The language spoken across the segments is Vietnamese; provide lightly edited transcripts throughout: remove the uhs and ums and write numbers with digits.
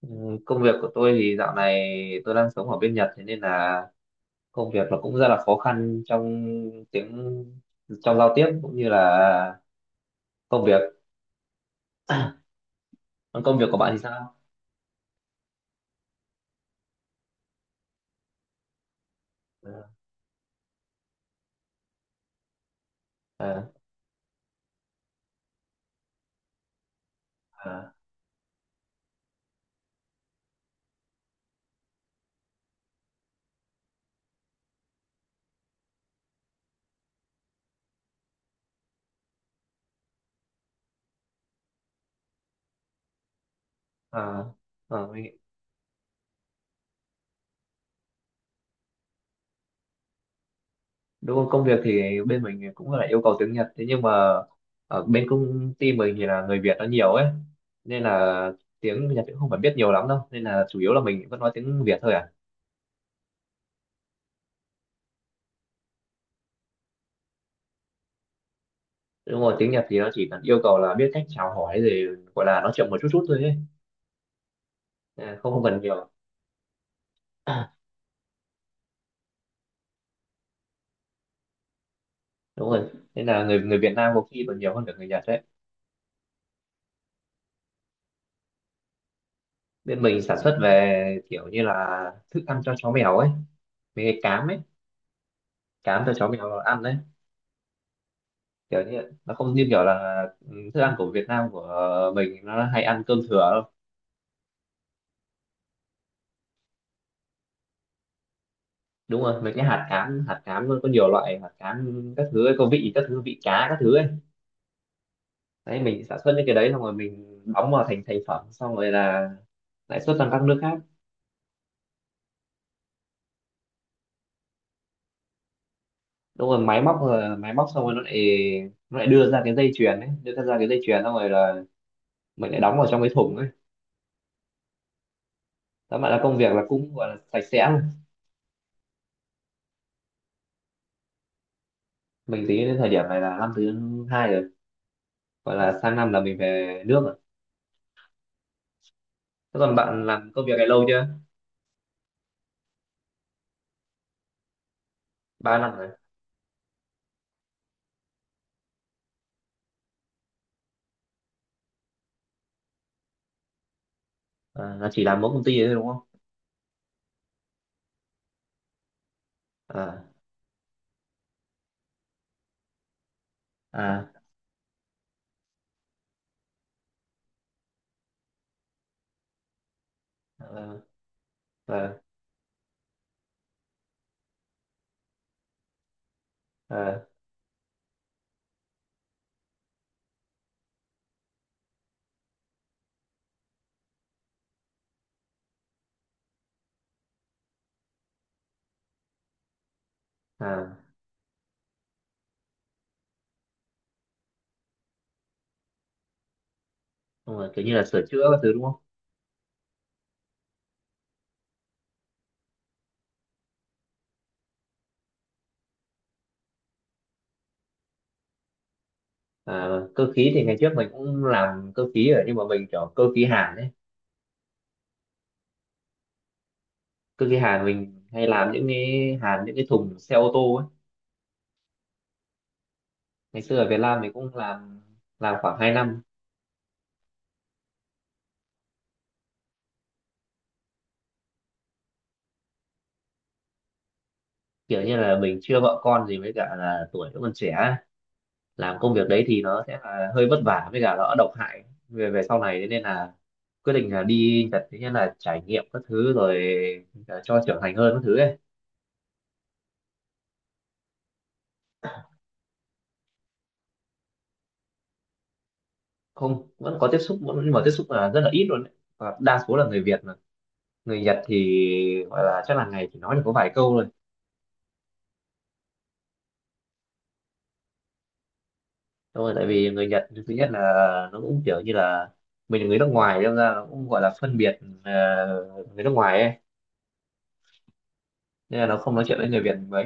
Ừ, công việc của tôi thì dạo này tôi đang sống ở bên Nhật, thế nên là công việc nó cũng rất là khó khăn tiếng trong giao tiếp, cũng như là công việc. Còn công việc của bạn thì sao? À. À. À. À. Đúng không? Công việc thì bên mình thì cũng là yêu cầu tiếng Nhật, thế nhưng mà ở bên công ty mình thì là người Việt nó nhiều ấy, nên là tiếng Nhật cũng không phải biết nhiều lắm đâu, nên là chủ yếu là mình vẫn nói tiếng Việt thôi à. Đúng rồi, tiếng Nhật thì nó chỉ cần yêu cầu là biết cách chào hỏi, rồi gọi là nói chuyện một chút chút thôi ấy. À, không, không cần nhiều. Đúng rồi, nên là người người Việt Nam có khi còn nhiều hơn cả người Nhật đấy. Bên mình sản xuất về kiểu như là thức ăn cho chó mèo ấy, mấy cái cám ấy, cám cho chó mèo ăn đấy. Kiểu như nó không như kiểu là thức ăn của Việt Nam của mình nó hay ăn cơm thừa đâu. Đúng rồi, mấy cái hạt cám nó có nhiều loại hạt cám các thứ ấy, có vị các thứ, vị cá các thứ ấy. Đấy, mình sản xuất những cái đấy xong rồi mình đóng vào thành thành phẩm, xong rồi là lãi suất toàn các nước khác. Đúng rồi, máy móc rồi máy móc xong rồi nó lại đưa ra cái dây chuyền ấy, đưa ra cái dây chuyền xong rồi là mình lại đóng vào trong cái thùng ấy. Tóm lại là công việc là cũng gọi là sạch sẽ luôn. Mình tính đến thời điểm này là năm thứ hai rồi, gọi là sang năm là mình về nước rồi. Thế còn bạn làm công việc này lâu chưa? 3 năm rồi. À, là chỉ làm mỗi công ty đấy thôi đúng không? À. À. À. Ờ. Ờ. À. Đúng rồi, kiểu như là sửa chữa các thứ đúng không? À, cơ khí thì ngày trước mình cũng làm cơ khí rồi nhưng mà mình kiểu cơ khí hàn ấy. Cứ cái hàn mình hay làm những cái hàn, những cái thùng xe ô tô ấy. Ngày xưa ở Việt Nam mình cũng làm khoảng 2 năm. Kiểu như là mình chưa vợ con gì với cả là tuổi vẫn còn trẻ ấy. Làm công việc đấy thì nó sẽ là hơi vất vả với cả nó độc hại về về sau này, thế nên là quyết định là đi Nhật, thế nên là trải nghiệm các thứ rồi cả cho trưởng thành hơn các thứ ấy. Không, vẫn có tiếp xúc nhưng mà tiếp xúc là rất là ít luôn ấy. Và đa số là người Việt mà, người Nhật thì gọi là chắc là ngày chỉ nói được có vài câu thôi. Đúng rồi, tại vì người Nhật thứ nhất là nó cũng kiểu như là mình là người nước ngoài, nên ra nó cũng gọi là phân biệt người nước ngoài ấy. Nên là nó không nói chuyện với người Việt mấy.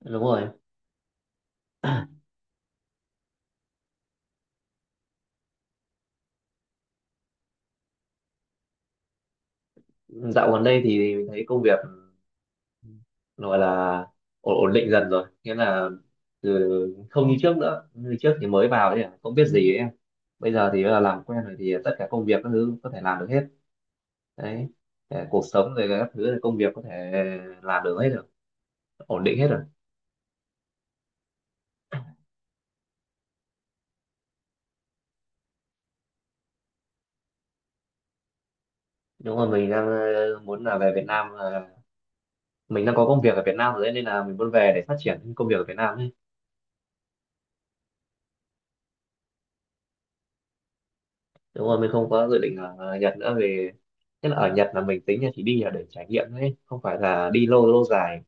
Đúng rồi. Dạo gần đây thì mình thấy công việc gọi là ổn định dần rồi, nghĩa là từ không như trước nữa, như trước thì mới vào thì không biết gì ấy, bây giờ thì là làm quen rồi thì tất cả công việc các thứ có thể làm được hết đấy. Ờ, cuộc sống rồi các thứ công việc có thể làm được hết được, ổn định hết rồi. Đúng rồi, mình đang muốn là về Việt Nam, là mình đang có công việc ở Việt Nam rồi đấy, nên là mình muốn về để phát triển công việc ở Việt Nam ấy. Đúng rồi, mình không có dự định ở Nhật nữa, vì nhất là ở Nhật là mình tính là chỉ đi là để trải nghiệm thôi ấy, không phải là đi lâu lâu dài,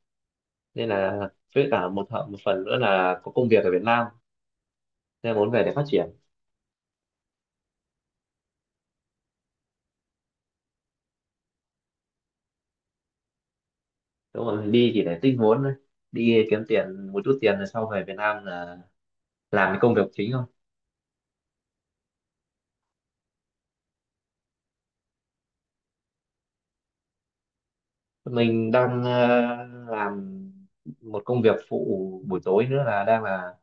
nên là với cả một phần nữa là có công việc ở Việt Nam, nên là muốn về để phát triển. Đúng rồi, mình đi chỉ để tích vốn thôi, đi kiếm tiền một chút tiền rồi sau về Việt Nam là làm cái công việc chính thôi. Mình đang làm một công việc phụ buổi tối nữa là đang là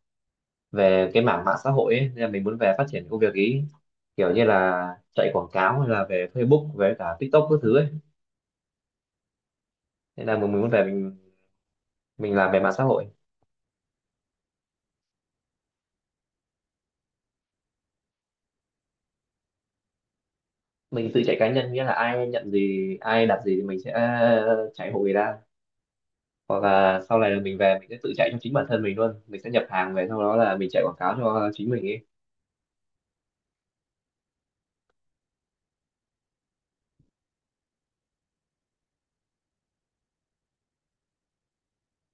về cái mảng mạng xã hội ấy, nên là mình muốn về phát triển công việc ý, kiểu như là chạy quảng cáo hay là về Facebook, về cả TikTok các thứ ấy, nên là mình muốn về, mình làm về mạng xã hội. Mình tự chạy cá nhân, nghĩa là ai nhận gì ai đặt gì thì mình sẽ chạy hộ người ta, hoặc là sau này là mình về mình sẽ tự chạy cho chính bản thân mình luôn, mình sẽ nhập hàng về sau đó là mình chạy quảng cáo cho chính mình ấy.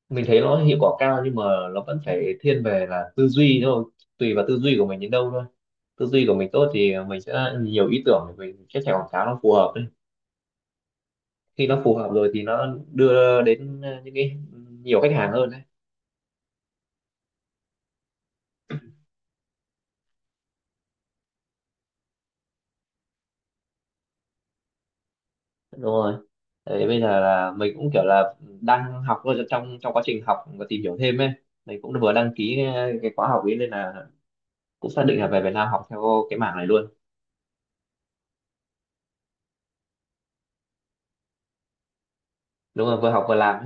Mình thấy nó hiệu quả cao nhưng mà nó vẫn phải thiên về là tư duy thôi, tùy vào tư duy của mình đến đâu thôi. Tư duy của mình tốt thì mình sẽ nhiều ý tưởng để mình sẽ chạy quảng cáo nó phù hợp đấy. Khi nó phù hợp rồi thì nó đưa đến những cái nhiều khách hàng hơn đấy. Đúng rồi. Đấy, bây giờ là mình cũng kiểu là đang học thôi, trong trong quá trình học và tìm hiểu thêm ấy, mình cũng vừa đăng ký cái khóa học ấy, nên là cũng xác định là về Việt Nam học theo cái mảng này luôn. Đúng rồi, vừa học vừa làm,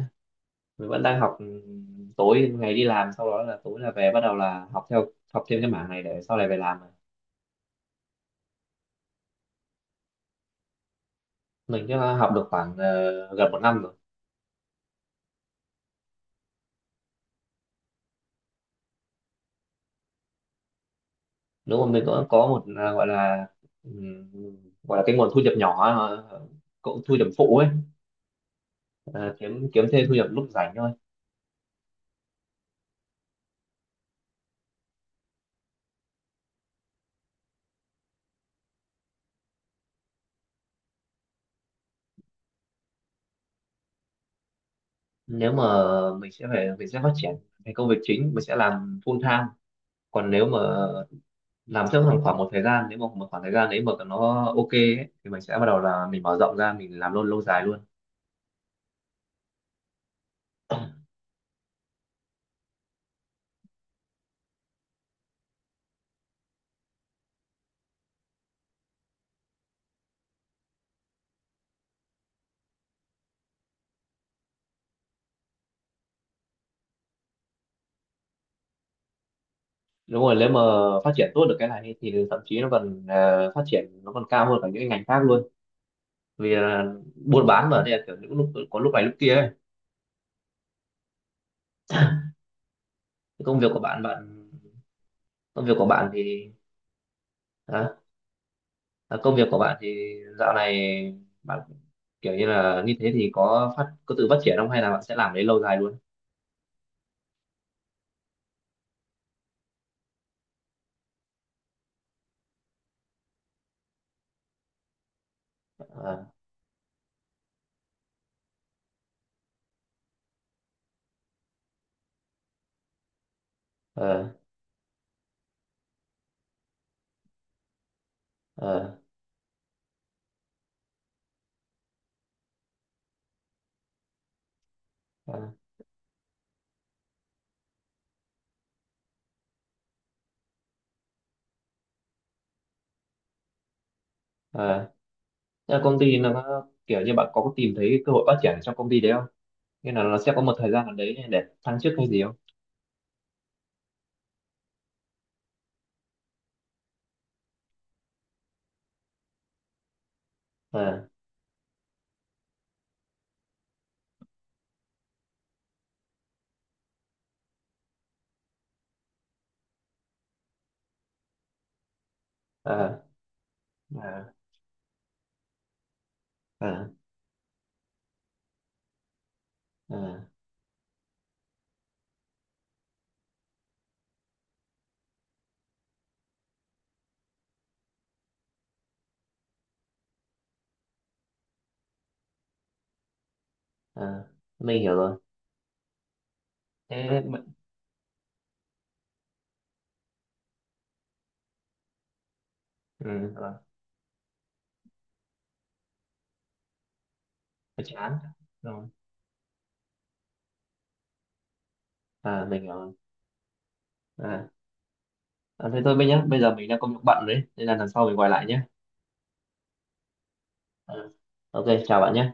mình vẫn đang học. Ừ, Tối ngày đi làm sau đó là tối là về bắt đầu là học theo, học thêm cái mảng này để sau này về làm. Mình chắc là học được khoảng gần 1 năm rồi. Đúng rồi, mình cũng có một ừm, gọi là cái nguồn thu nhập nhỏ, cũng thu nhập phụ ấy. Ờ, kiếm kiếm thêm thu nhập lúc rảnh thôi. Nếu mà mình sẽ phải, mình sẽ phát triển cái công việc chính, mình sẽ làm full time, còn nếu mà làm trong khoảng khoảng một thời gian, nếu mà một khoảng thời gian đấy mà nó ok ấy, thì mình sẽ bắt đầu là mình mở rộng ra mình làm luôn lâu dài luôn. Đúng rồi, nếu mà phát triển tốt được cái này thì thậm chí nó còn phát triển, nó còn cao hơn cả những cái ngành khác luôn, vì là buôn bán mà, nên là kiểu những lúc có lúc này lúc kia ấy. Cái công việc của bạn bạn Công việc của bạn thì hả? À, công việc của bạn thì dạo này bạn kiểu như là như thế thì có tự phát triển không, hay là bạn sẽ làm đấy lâu dài luôn? Ờ. Ờ. Ờ. Ờ. Ờ. Thế là công ty nó kiểu như bạn có tìm thấy cơ hội phát triển trong công ty đấy không? Nghĩa là nó sẽ có một thời gian nào đấy để thăng chức hay gì không? Ờ. Ờ. Ờ. Ờ. Ờ. Ờ. Mình hiểu rồi. Thế mình, ừ, rồi. Hơi chán. Rồi, à, mình hiểu rồi. À, à thế thôi bây nhá, bây giờ mình đang công việc bận đấy nên là lần sau mình gọi lại nhé. Ờ. Ok, chào bạn nhé.